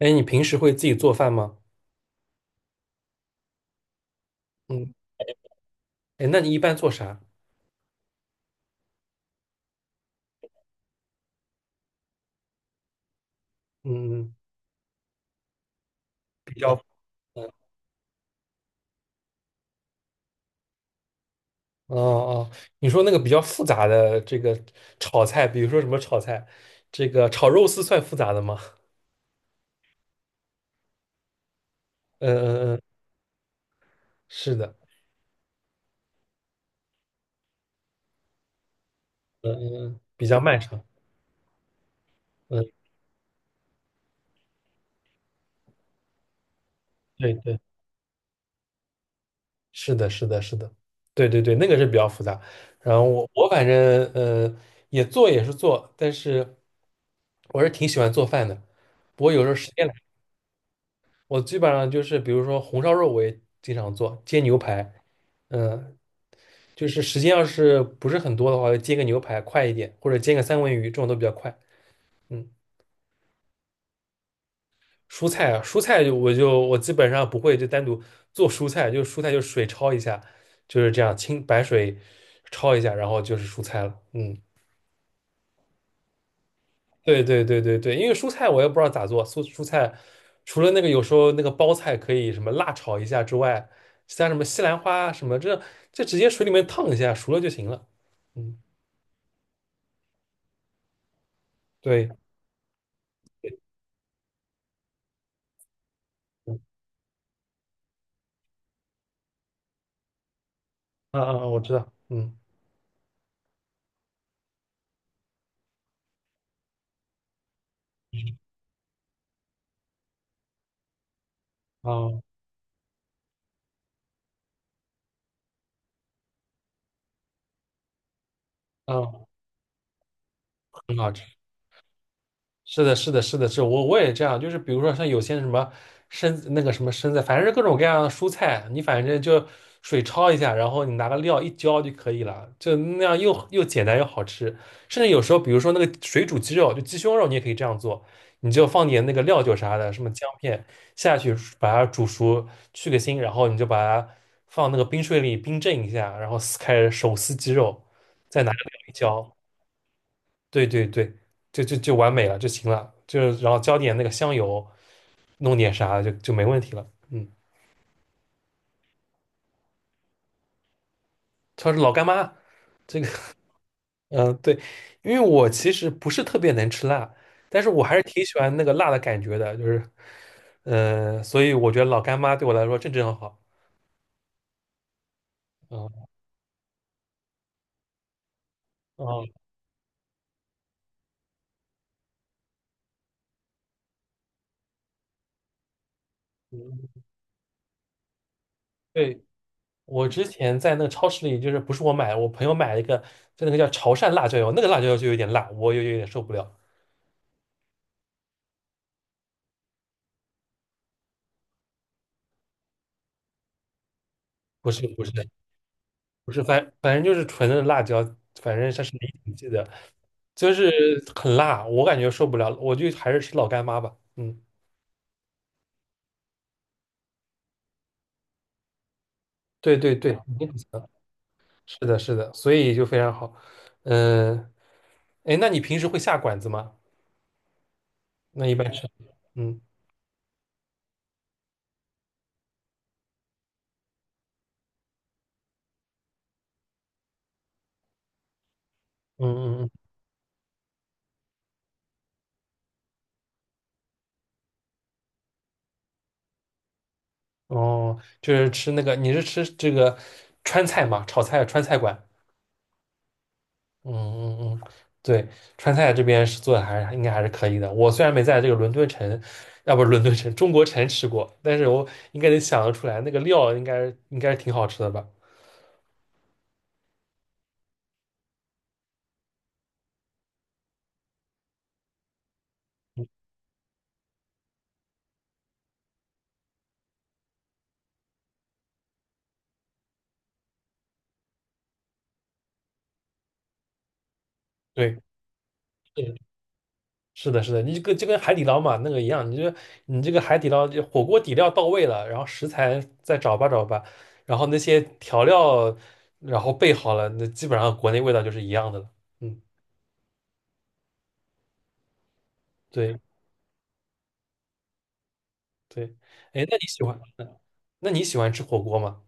哎，你平时会自己做饭吗？嗯，哎，那你一般做啥？嗯，比较，嗯，哦哦，你说那个比较复杂的这个炒菜，比如说什么炒菜，这个炒肉丝算复杂的吗？嗯嗯嗯，是的，嗯，比较漫长。嗯，对对，是的，是的，是的，对对对，那个是比较复杂。然后我反正也是做，但是我是挺喜欢做饭的。不过有时候时间我基本上就是，比如说红烧肉，我也经常做，煎牛排，嗯，就是时间要是不是很多的话，就煎个牛排快一点，或者煎个三文鱼，这种都比较快。嗯，蔬菜啊，蔬菜就我基本上不会就单独做蔬菜，就蔬菜就水焯一下，就是这样清白水焯一下，然后就是蔬菜了。嗯。对对对对对，因为蔬菜我也不知道咋做，蔬菜除了那个有时候那个包菜可以什么辣炒一下之外，其他什么西兰花啊什么这直接水里面烫一下熟了就行了。嗯，对，嗯嗯嗯，我知道，嗯啊啊，很好吃。是的，是的，是的，是我也这样，就是比如说像有些什么生那个什么生菜，反正是各种各样的蔬菜，你反正就水焯一下，然后你拿个料一浇就可以了，就那样又简单又好吃。甚至有时候，比如说那个水煮鸡肉，就鸡胸肉，你也可以这样做，你就放点那个料酒啥的，什么姜片下去，把它煮熟，去个腥，然后你就把它放那个冰水里冰镇一下，然后撕开手撕鸡肉，再拿个料一浇，对对对，就完美了就行了，就是然后浇点那个香油，弄点啥就没问题了。嗯，她是老干妈，这个对，因为我其实不是特别能吃辣，但是我还是挺喜欢那个辣的感觉的，就是所以我觉得老干妈对我来说正好。嗯哦嗯，对，我之前在那个超市里，就是不是我买，我朋友买了一个，就那个叫潮汕辣椒油，那个辣椒油就有点辣，我有点受不了。不是不是，不是，反正就是纯的辣椒，反正它是离挺记的，就是很辣，我感觉受不了了，我就还是吃老干妈吧。嗯，对对对，肯定不行，是的，是的，所以就非常好。嗯，哎，那你平时会下馆子吗？那一般吃，嗯嗯嗯嗯，哦，就是吃那个，你是吃这个川菜嘛，炒菜川菜馆。嗯嗯嗯，对，川菜这边是做的还是应该还是可以的。我虽然没在这个伦敦城，要不是伦敦城，中国城吃过，但是我应该能想得出来，那个料应该是挺好吃的吧？嗯对，是是的，是的，你就跟海底捞嘛那个一样，你这个海底捞就火锅底料到位了，然后食材再找吧找吧，然后那些调料然后备好了，那基本上国内味道就是一样的了。嗯，对对，哎，那你喜欢吃火锅吗？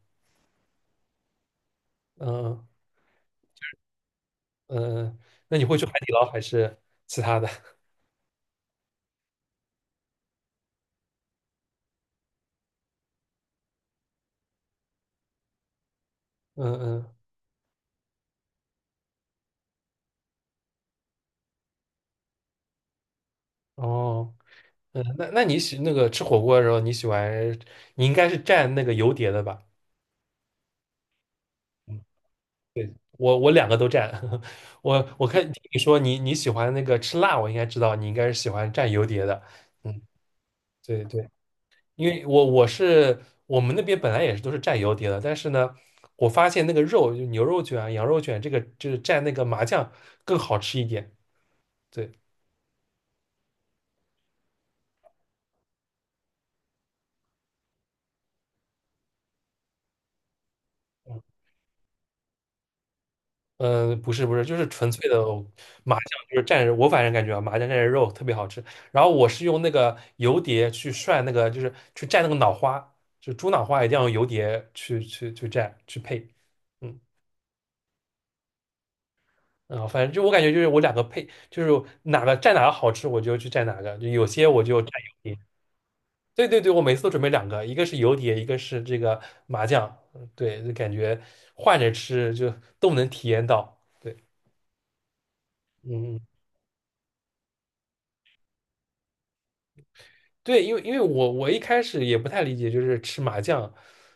嗯嗯嗯嗯。那你会去海底捞还是其他的？嗯嗯，哦，嗯，那那个吃火锅的时候，你喜欢你应该是蘸那个油碟的吧？我两个都蘸，我看听你说你喜欢那个吃辣，我应该知道你应该是喜欢蘸油碟的。嗯，对对，因为我是我们那边本来也是都是蘸油碟的，但是呢，我发现那个肉就牛肉卷啊羊肉卷这个就是蘸那个麻酱更好吃一点。对，嗯嗯，不是不是，就是纯粹的麻酱，就是蘸着我反正感觉啊，麻酱蘸着肉特别好吃。然后我是用那个油碟去涮那个，就是去蘸那个脑花，就猪脑花一定要用油碟去蘸去配。嗯，然后反正就我感觉就是我两个配，就是哪个蘸哪个好吃我就去蘸哪个，就有些我就蘸油碟。对对对，我每次都准备两个，一个是油碟，一个是这个麻酱。嗯对，就感觉换着吃就都能体验到。对，嗯。嗯对，因为我一开始也不太理解，就是吃麻酱，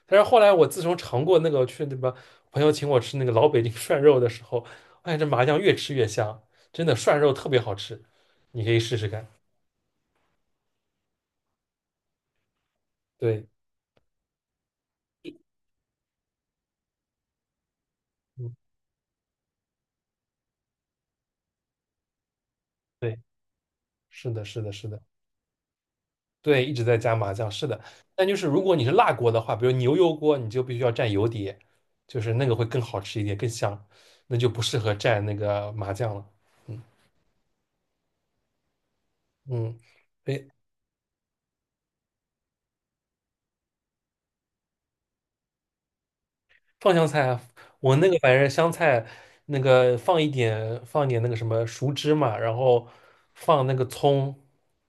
但是后来我自从尝过那个去那个朋友请我吃那个老北京 涮肉的时候，发现这麻酱越吃越香，真的涮肉特别好吃，你可以试试看。对，嗯，对，是的，是的，是的，对，一直在加麻酱，是的。但就是如果你是辣锅的话，比如牛油锅，你就必须要蘸油碟，就是那个会更好吃一点，更香，那就不适合蘸那个麻酱了。嗯嗯，对，放香菜啊，我那个反正香菜那个放一点，放一点那个什么熟芝麻，然后放那个葱，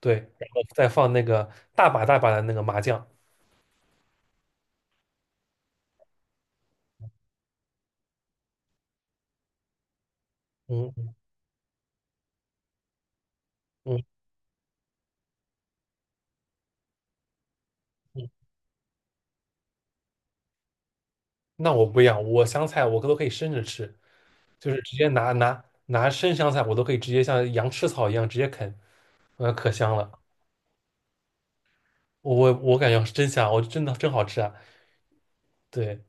对，然后再放那个大把大把的那个麻酱。嗯嗯嗯，那我不一样，我香菜我都可以生着吃，就是直接拿生香菜，我都可以直接像羊吃草一样直接啃，可香了。我感觉是真香，我真的真好吃啊。对，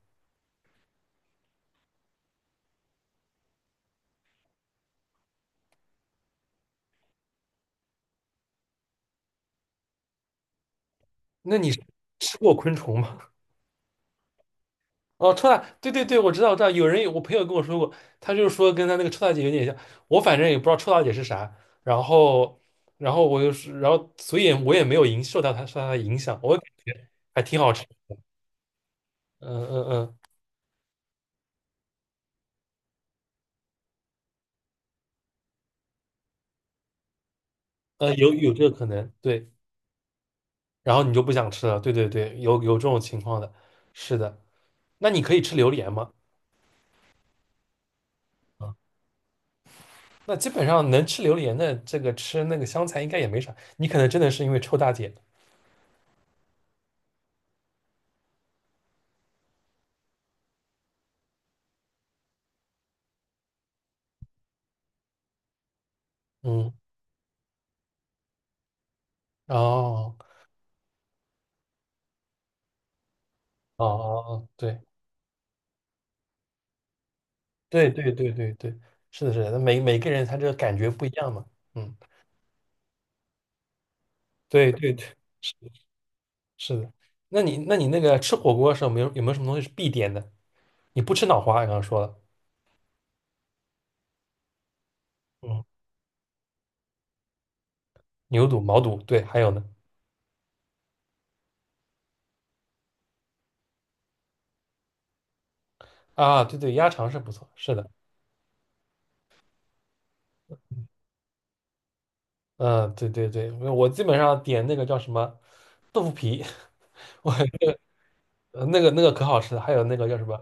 那你吃过昆虫吗？哦，臭大，对对对，我知道，我知道，我朋友跟我说过，他就是说跟他那个臭大姐有点像，我反正也不知道臭大姐是啥，然后，然后我就是，然后所以我也没有影受他的影响，我感觉还挺好吃，嗯嗯嗯，有这个可能，对，然后你就不想吃了，对对对，有这种情况的，是的，那你可以吃榴莲吗？啊，那基本上能吃榴莲的，这个吃那个香菜应该也没啥，你可能真的是因为臭大姐，嗯，哦哦哦，哦，对。对对对对对，是的，是的，那每个人他这个感觉不一样嘛，嗯，对对对，是是的。那你那个吃火锅的时候，有没有什么东西是必点的？你不吃脑花，刚刚说了，嗯，牛肚、毛肚，对，还有呢，啊，对对，鸭肠是不错，是的，嗯，对对对，我基本上点那个叫什么豆腐皮，我那个可好吃了，还有那个叫什么，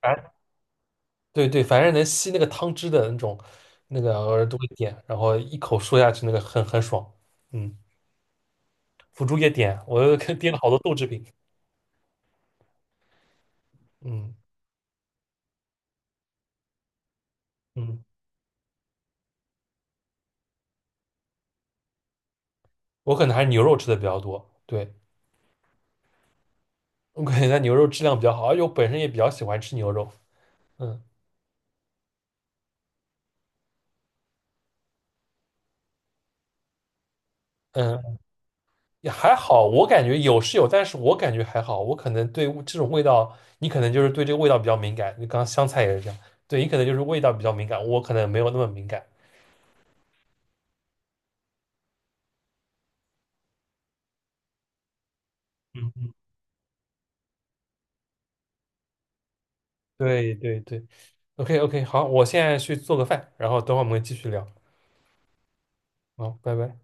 哎，对对，反正能吸那个汤汁的那种，那个偶尔都会点，然后一口说下去，那个很爽，嗯。腐竹也点，我又看点了好多豆制品。嗯嗯，我可能还是牛肉吃的比较多。对，我感觉它牛肉质量比较好，而且我本身也比较喜欢吃牛肉。嗯嗯，也还好，我感觉有是有，但是我感觉还好。我可能对味这种味道，你可能就是对这个味道比较敏感。你刚刚香菜也是这样，对你可能就是味道比较敏感，我可能没有那么敏感。嗯，对对对，OK OK，好，我现在去做个饭，然后等会儿我们继续聊。好，拜拜。